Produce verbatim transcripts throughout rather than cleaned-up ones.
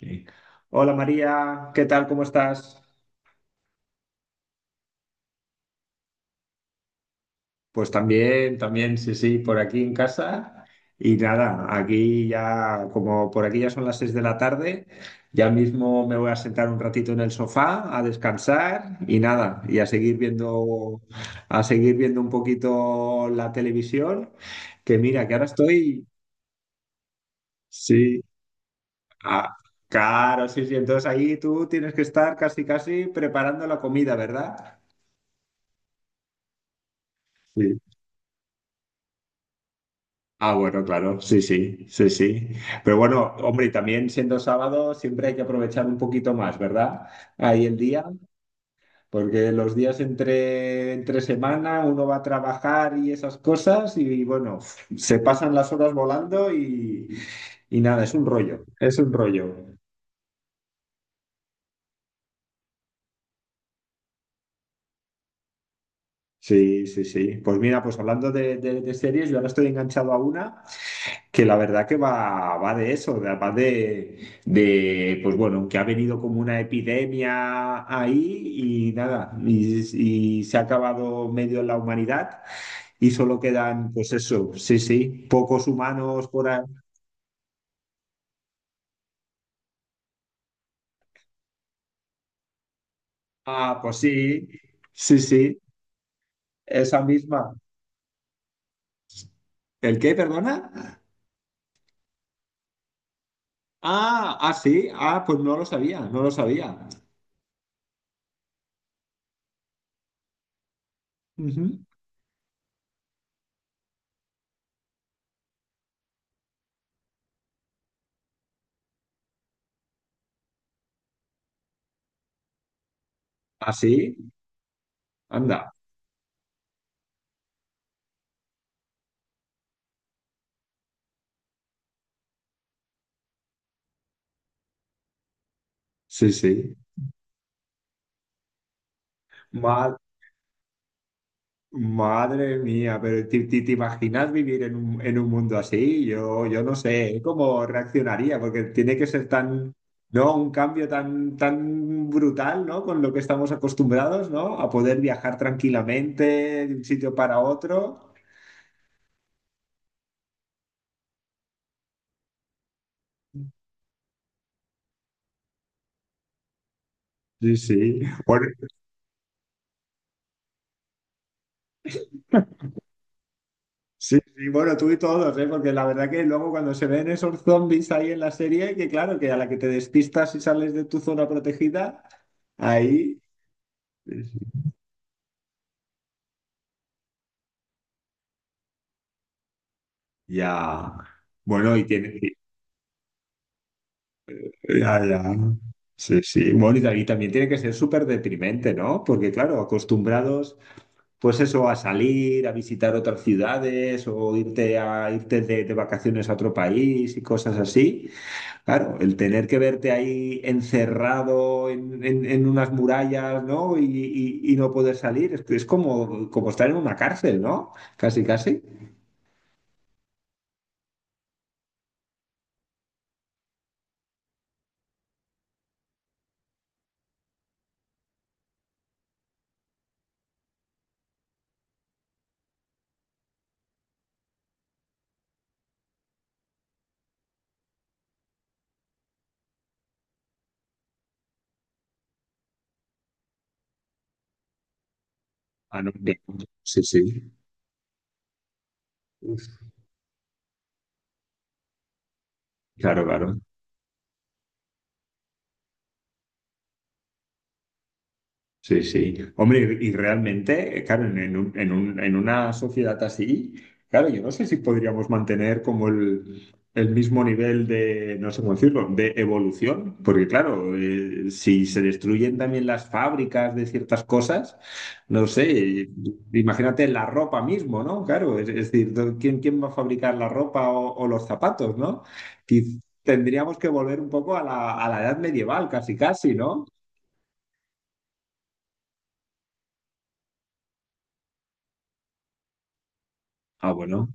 Sí. Hola María, ¿qué tal? ¿Cómo estás? Pues también, también, sí, sí, por aquí en casa. Y nada, aquí ya, como por aquí ya son las seis de la tarde, ya mismo me voy a sentar un ratito en el sofá a descansar y nada, y a seguir viendo, a seguir viendo un poquito la televisión, que mira, que ahora estoy, sí, ah, claro, sí, sí, entonces ahí tú tienes que estar casi, casi preparando la comida, ¿verdad? Ah, bueno, claro, sí, sí, sí, sí. Pero bueno, hombre, y también siendo sábado siempre hay que aprovechar un poquito más, ¿verdad? Ahí el día, porque los días entre, entre semana uno va a trabajar y esas cosas y bueno, se pasan las horas volando y, y nada, es un rollo, es un rollo. Sí, sí, sí. Pues mira, pues hablando de, de de series, yo ahora estoy enganchado a una, que la verdad que va, va de eso, de- va de, de, pues bueno, que ha venido como una epidemia ahí y nada, y, y se ha acabado medio la humanidad y solo quedan, pues eso, sí, sí, pocos humanos por ahí. Ah, pues sí, sí, sí, esa misma. ¿El qué, perdona? Ah, ah, sí, ah, pues no lo sabía, no lo sabía. Ujú. Ah, sí, anda, sí, sí. Madre Madre mía, pero ¿te, te- te imaginas vivir en un, en un mundo así? Yo, yo no sé cómo reaccionaría, porque tiene que ser tan, ¿no? Un cambio tan, tan brutal, ¿no? Con lo que estamos acostumbrados, ¿no? A poder viajar tranquilamente de un sitio para otro. Sí, sí. Bueno, sí, sí, bueno, tú y todos, ¿eh? Porque la verdad que luego cuando se ven esos zombies ahí en la serie, que claro, que a la que te despistas y sales de tu zona protegida, ahí... Ya. Bueno, y tiene. Ya, ya. Sí, sí. Bueno, y ta- y también tiene que ser súper deprimente, ¿no? Porque, claro, acostumbrados, pues eso, a salir, a visitar otras ciudades o irte a irte de, de vacaciones a otro país y cosas así. Claro, el tener que verte ahí encerrado en, en- en unas murallas, ¿no? Y, y- y no poder salir, es, es como, como estar en una cárcel, ¿no? Casi, casi. Ah, no, bien. Sí, sí. Uf. Claro, claro. Sí, sí. Hombre, y y realmente, claro, en, en un- en un- en una sociedad así, claro, yo no sé si podríamos mantener como el, el mismo nivel de, no sé cómo decirlo, de evolución, porque claro, eh, si se destruyen también las fábricas de ciertas cosas, no sé, imagínate la ropa mismo, ¿no? Claro, es, es decir, ¿quién, quién va a fabricar la ropa o, o los zapatos, ¿no? Quiz- Tendríamos que volver un poco a la, a la edad medieval, casi, casi, ¿no? Ah, bueno.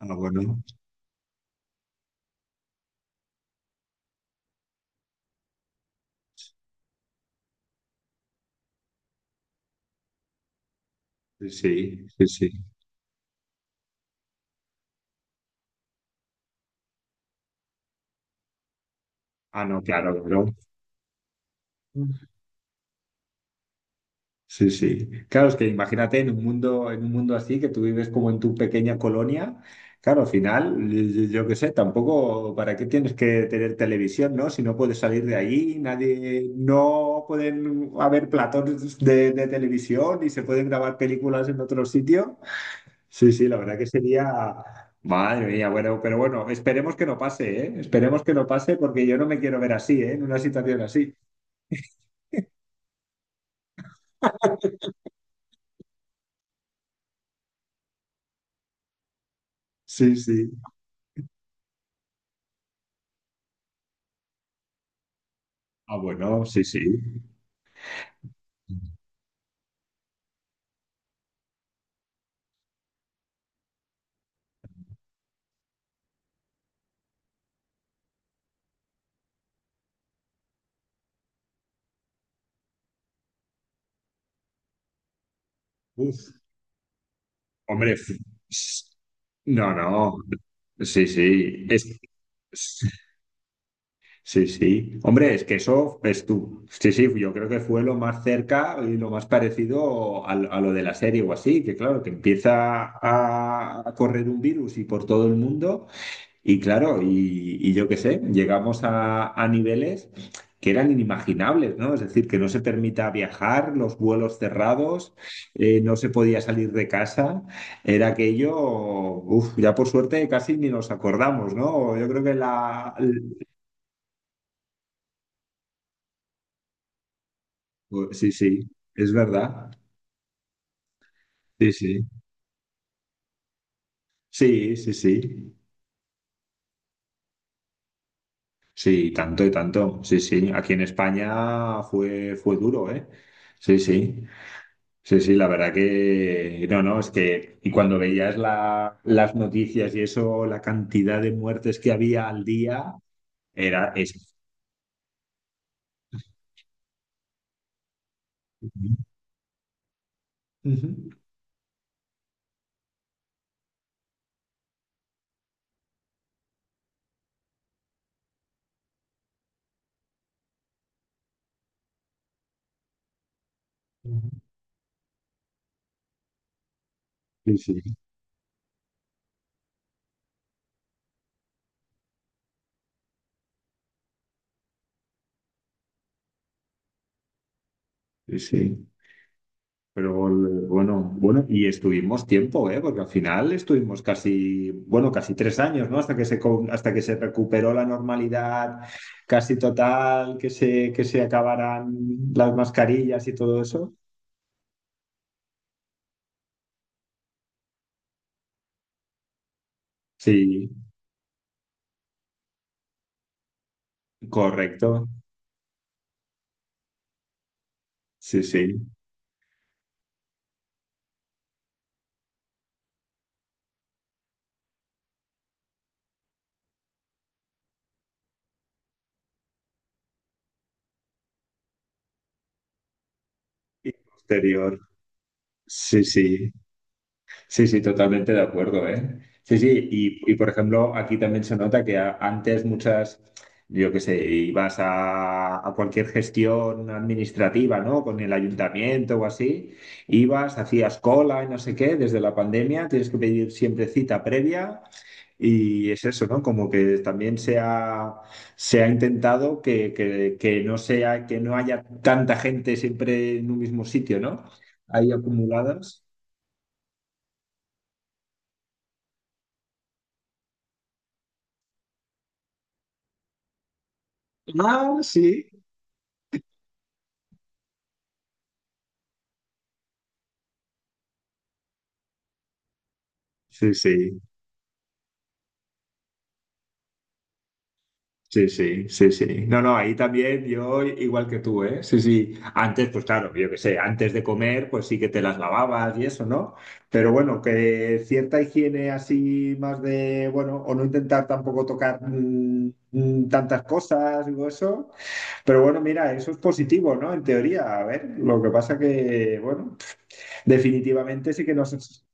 Ah, bueno. Sí, sí, sí. Sí. Ah, no, claro, claro. Sí, sí. Claro, es que imagínate en un mundo, en un mundo así, que tú vives como en tu pequeña colonia. Claro, al final, yo yo qué sé, tampoco, ¿para qué tienes que tener televisión, no? Si no puedes salir de allí, nadie, no pueden haber platos de, de televisión y se pueden grabar películas en otro sitio. Sí, sí, la verdad que sería, madre mía, bueno, pero bueno, esperemos que no pase, ¿eh? Esperemos que no pase porque yo no me quiero ver así, ¿eh? En una situación así. Sí, sí. Ah, bueno, sí, sí. Uf, hombre, f- s- no, no. Sí, sí. Es, sí, sí. Hombre, es que eso es tú. Sí, sí, yo creo que fue lo más cerca y lo más parecido a, a lo de la serie o así, que claro, que empieza a, a correr un virus y por todo el mundo. Y claro, y, y yo qué sé, llegamos a, a niveles que eran inimaginables, ¿no? Es decir, que no se permita viajar, los vuelos cerrados, eh, no se podía salir de casa, era aquello, uf, ya por suerte casi ni nos acordamos, ¿no? Yo creo que la... Sí, sí, es verdad. Sí, sí. Sí, sí, sí. Sí, tanto y tanto. Sí, sí. Aquí en España fue, fue duro, ¿eh? Sí, sí. Sí, sí, la verdad que no, no, es que y cuando veías la- las noticias y eso, la cantidad de muertes que había al día era eso. Ujú. Sí, sí, sí, sí. Pero el- bueno, bueno, y estuvimos tiempo, ¿eh? Porque al final estuvimos casi, bueno, casi tres años, ¿no? Hasta que se, co- hasta que se recuperó la normalidad casi total, que se, que se acabaran las mascarillas y todo eso. Sí, correcto. Sí, sí. Y posterior. Sí, sí, sí, sí, totalmente de acuerdo, ¿eh? Sí, sí, y, y, por ejemplo, aquí también se nota que a- antes muchas, yo qué sé, ibas a, a cualquier gestión administrativa, ¿no? Con el ayuntamiento o así, ibas, hacías cola y no sé qué, desde la pandemia tienes que pedir siempre cita previa y es eso, ¿no? Como que también se ha, se ha intentado que, que- que no sea, que no haya tanta gente siempre en un mismo sitio, ¿no? Ahí acumuladas. Ah, sí. Sí, sí, sí, sí, sí, sí. No, no, ahí también yo igual que tú, ¿eh? Sí, sí. Antes, pues claro, yo qué sé, antes de comer, pues sí que te las lavabas y eso, ¿no? Pero bueno, que cierta higiene así más de, bueno, o no intentar tampoco tocar mm, mm, tantas cosas, digo eso. Pero bueno, mira, eso es positivo, ¿no? En teoría, a ver, lo que pasa que, bueno, definitivamente sí que nos...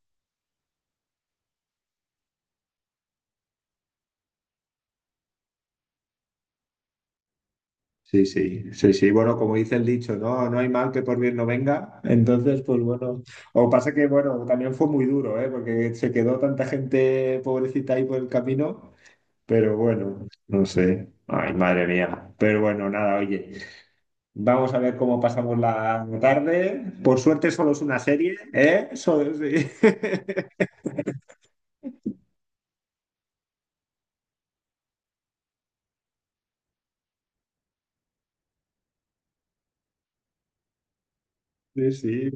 Sí, sí, sí, sí. Bueno, como dice el dicho, no, no hay mal que por bien no venga. Entonces, pues bueno, o pasa que, bueno, también fue muy duro, ¿eh? Porque se quedó tanta gente pobrecita ahí por el camino. Pero bueno, no sé. Ay, madre mía. Pero bueno, nada, oye. Vamos a ver cómo pasamos la tarde. Por suerte solo es una serie, ¿eh? Solo- sí. Sí, sí,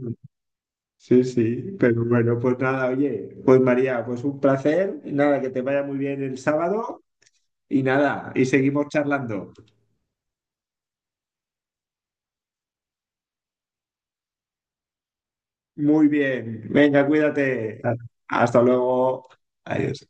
sí, sí, pero bueno, pues nada, oye, pues María, pues un placer, nada, que te vaya muy bien el sábado y nada, y seguimos charlando. Muy bien, venga, cuídate. Hasta luego. Adiós.